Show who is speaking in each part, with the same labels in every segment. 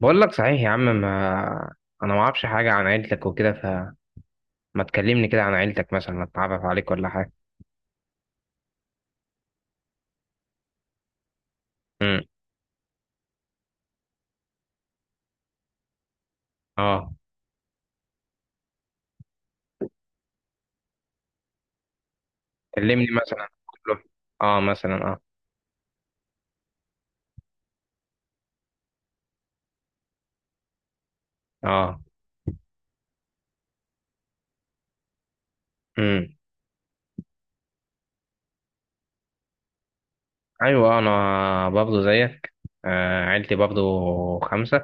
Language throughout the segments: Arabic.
Speaker 1: بقول لك صحيح يا عم ما انا ما اعرفش حاجه عن عيلتك وكده فما تكلمني كده عن عيلتك، مثلا اتعرف عليك ولا حاجه. امم اه كلمني مثلا، قول له. اه مثلا اه اه امم ايوه انا برضه زيك، عيلتي برضه خمسه.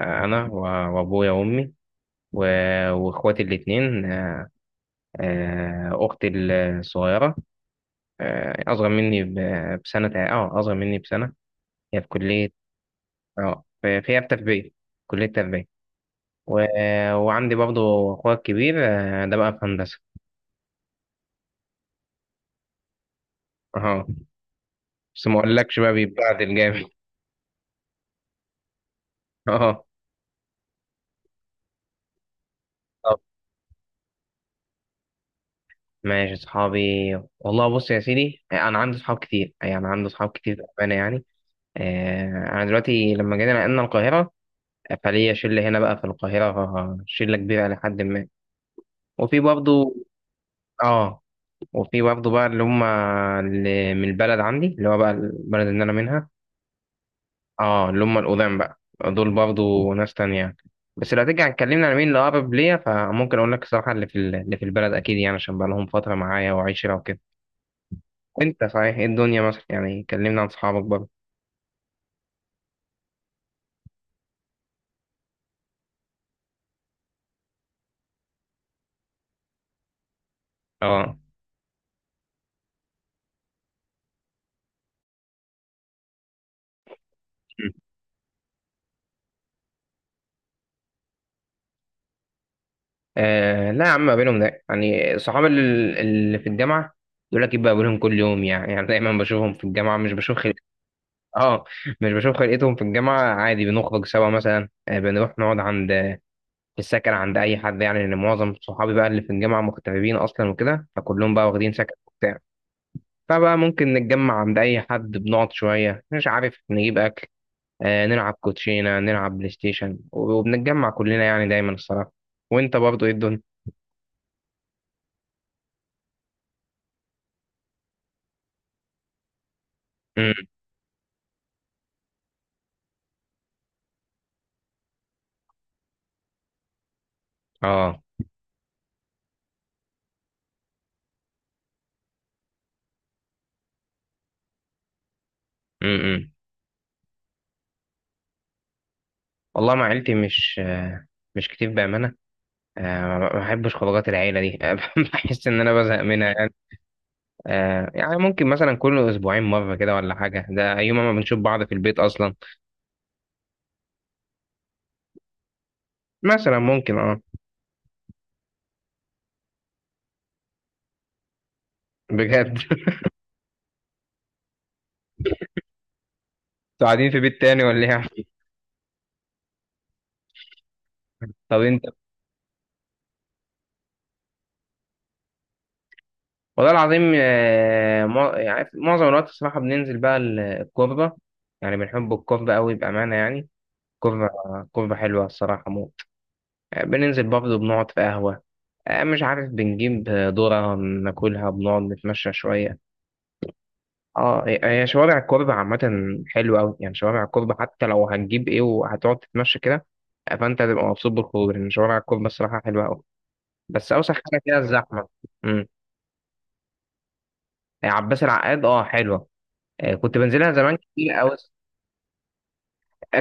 Speaker 1: انا و- وابويا وامي و- واخواتي الاتنين. اختي الصغيره، اصغر مني ب- بسنه اه اصغر مني بسنه. هي في كليه، اه في في هي في تربيه، كليه تربيه. و... وعندي برضو اخويا الكبير، ده بقى في هندسه. اه بس ما اقولكش بقى بيتبهدل جامد. اه طب ماشي اصحابي، والله بص يا سيدي انا عندي اصحاب كتير، يعني عندي اصحاب كتير بامانه يعني. انا دلوقتي لما جينا نقلنا القاهره، فليا شله هنا بقى في القاهره، شله كبيره لحد ما. وفي برضو اه وفي برضو بقى اللي هم اللي من البلد عندي، اللي هو بقى البلد اللي انا منها. اه اللي هم القدام بقى، دول برضو ناس تانية يعني. بس لو هترجع اتكلمنا على مين اللي أقرب ليا، فممكن أقول لك الصراحة اللي في اللي في البلد أكيد يعني، عشان بقى لهم فترة معايا وعشرة وكده. وأنت صحيح إيه الدنيا مثلا؟ يعني كلمنا عن صحابك برضه. اه م. لا يا عم ما بينهم ده، يعني صحاب اللي في الجامعة يقول لك يبقى بينهم كل يوم، يعني يعني دايما بشوفهم في الجامعة مش بشوف خلق. اه مش بشوف خلقتهم في الجامعة، عادي بنخرج سوا مثلا. بنروح نقعد عند، في السكن عند اي حد، يعني لان معظم صحابي بقى اللي في الجامعه مغتربين اصلا وكده، فكلهم بقى واخدين سكن وبتاع. فبقى ممكن نتجمع عند اي حد، بنقعد شويه مش عارف، نجيب اكل، نلعب كوتشينه، نلعب بلاي ستيشن، وبنتجمع كلنا يعني دايما الصراحه. وانت برضو ايه الدنيا؟ امم اه امم والله مع عيلتي مش، مش كتير بامانه. ما بحبش خروجات العيله دي بحس ان انا بزهق منها يعني. يعني ممكن مثلا كل اسبوعين مره كده ولا حاجه، ده يوم ما بنشوف بعض في البيت اصلا. مثلا ممكن، بجد انتوا قاعدين في بيت تاني ولا ايه يا عم؟ طب انت. والله العظيم، يعني معظم الوقت الصراحة بننزل بقى الكوربة، يعني بنحب الكوربة قوي بأمانة يعني. كوربة، كوربة حلوة الصراحة موت. بننزل برضه بنقعد في قهوة، مش عارف بنجيب ذرة ناكلها، بنقعد نتمشى شوية. هي شوارع الكوربة عامة حلوة أوي، يعني شوارع الكوربة حتى لو هتجيب ايه وهتقعد تتمشى كده، فانت هتبقى مبسوط بالخروج، لأن شوارع الكوربة الصراحة حلوة أوي، بس اوسخ حاجه فيها الزحمه. امم يعني عباس العقاد حلوه، كنت بنزلها زمان كتير قوي.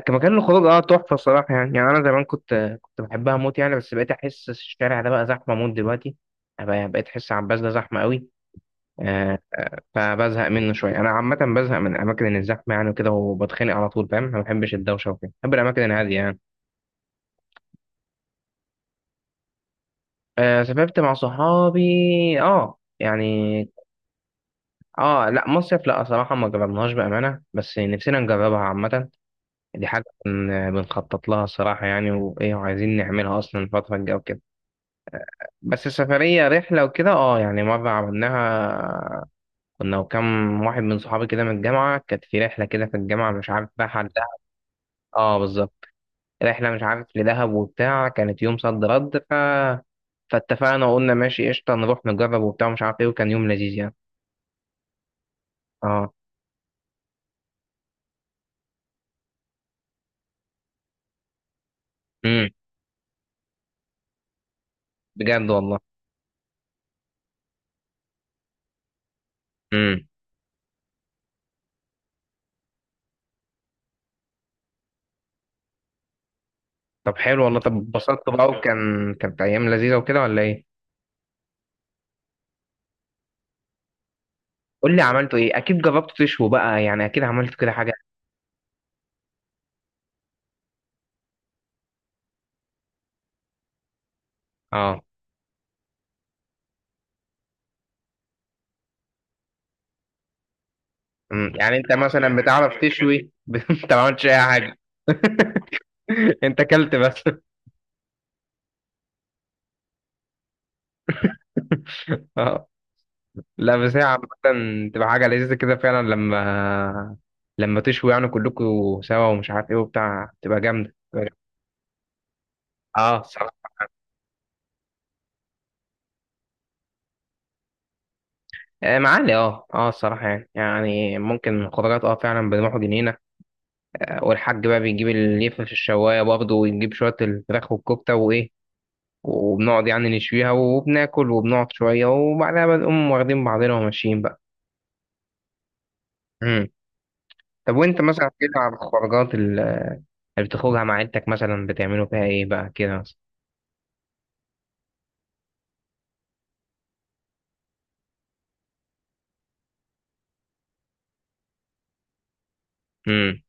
Speaker 1: كمكان الخروج تحفه الصراحه يعني، يعني انا زمان كنت بحبها موت يعني، بس بقيت احس الشارع ده بقى زحمه موت دلوقتي. بقيت احس عباس ده زحمه قوي. آه، فبزهق منه شويه، انا عامه بزهق من الاماكن الزحمه يعني وكده، وبتخانق على طول فاهم، أنا ما بحبش الدوشه وكده، بحب الاماكن الهاديه يعني. سافرت مع صحابي يعني. اه لا مصيف لا، صراحه ما جربناهاش بامانه، بس نفسنا نجربها عامه. دي حاجة بنخطط لها الصراحة يعني، وإيه وعايزين نعملها أصلا الفترة الجاية وكده. بس السفرية رحلة وكده، يعني مرة عملناها، كنا وكم واحد من صحابي كده من الجامعة، كانت في رحلة كده في الجامعة مش عارف رايحة على دهب. اه بالظبط، رحلة مش عارف لدهب وبتاع، كانت يوم صد رد، فاتفقنا وقلنا ماشي قشطة، نروح نجرب وبتاع مش عارف ايه، وكان يوم لذيذ يعني. اه امم بجد والله. امم طب حلو والله، طب اتبسطت بقى، وكان كانت أيام لذيذة وكده ولا ايه؟ قول لي عملته ايه، اكيد جربت تشوي بقى يعني، اكيد عملت كده حاجه. اه أمم، يعني انت مثلا بتعرف تشوي بس انت ما عملتش اي حاجه. انت اكلت بس. اه لا بس هي عامه تبقى حاجه لذيذه كده فعلا، لما لما تشوي يعني كلكم سوا، ومش عارف ايه وبتاع، تبقى جامده، تبقى جامدة. اه الصراحه، معالي الصراحه يعني، يعني ممكن خضروات فعلا بنروح جنينه، والحاج بقى بيجيب اللي في الشوايه برضه، ويجيب شويه الفراخ والكفته وايه، وبنقعد يعني نشويها وبناكل، وبنقعد شوية وبعدها بنقوم واخدين بعضنا وماشيين بقى. مم. طب وانت مثلا كده، على الخروجات اللي بتخرجها مع عيلتك مثلا، بتعملوا فيها ايه بقى كده مثلا؟ امم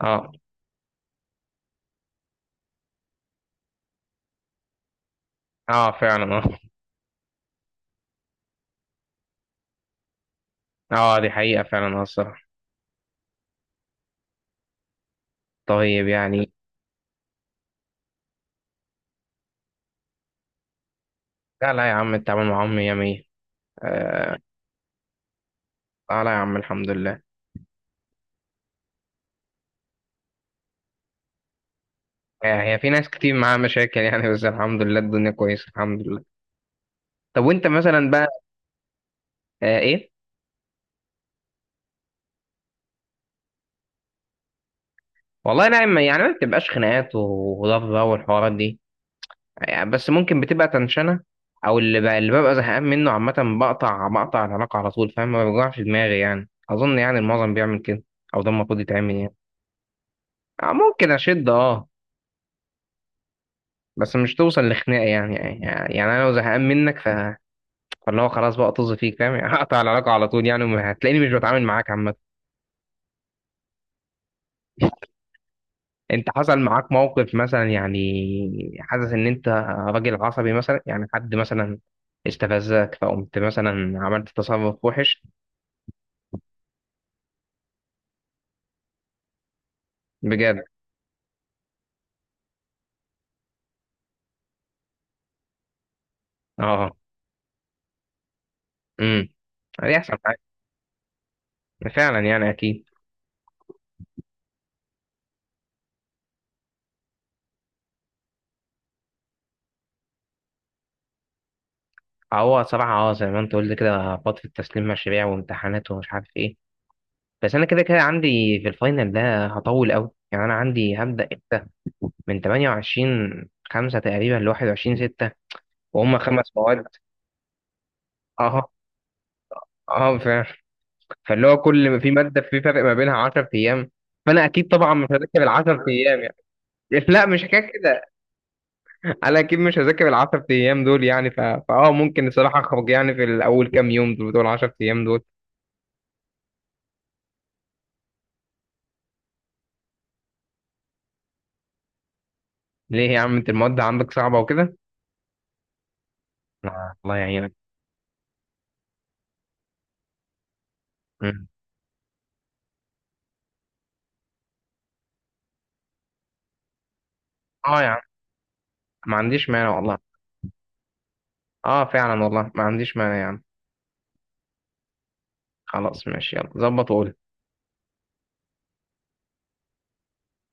Speaker 1: اه اه فعلا اه دي حقيقة فعلا الصراحة. طيب يعني، لا لا يا عم التعامل معاهم مية مية. آه لا لا يا عم الحمد لله. هي في ناس كتير معاها مشاكل يعني، بس الحمد لله الدنيا كويسة الحمد لله. طب وانت مثلا بقى، آه ايه والله لا يعني ما بتبقاش خناقات وضرب بقى والحوارات دي يعني، بس ممكن بتبقى تنشنة، او اللي ببقى زهقان منه عامة، بقطع العلاقة على طول فاهم، ما بيوجعش دماغي يعني، اظن يعني المعظم بيعمل كده، او ده المفروض يتعمل يعني. ممكن اشد بس مش توصل لخناقة يعني يعني، يعني انا لو زهقان منك فاللي هو خلاص بقى طز فيك فاهم يعني هقطع العلاقة على طول يعني، هتلاقيني مش بتعامل معاك عامة. انت حصل معاك موقف مثلا يعني، حاسس ان انت راجل عصبي مثلا يعني، حد مثلا استفزك فقمت مثلا عملت تصرف وحش؟ بجد؟ اه امم يحصل حاجة. فعلا يعني اكيد. هو صراحه زي ما انت قلت كده، فتره تسليم مشاريع وامتحانات ومش عارف ايه، بس انا كده كده عندي في الفاينل ده هطول قوي يعني، انا عندي هبدا امتى؟ من 28 5 تقريبا ل 21 6، وهم خمس مواد. اه اه فعلا، فاللي هو كل ما في ماده في فرق ما بينها 10 ايام، فانا اكيد طبعا مش هذاكر ال 10 ايام يعني. لا مش حكايه كده، انا اكيد مش هذاكر العشر ايام دول يعني، ف... فاه ممكن الصراحه اخرج يعني في الاول كام يوم، دول 10 ايام دول. ليه يا عم انت المواد عندك صعبه وكده؟ لا الله يعينك. مم. اه يا عم ما عنديش مانع والله. اه فعلا والله ما عنديش مانع يا عم. خلاص ماشي يلا ظبط وقول.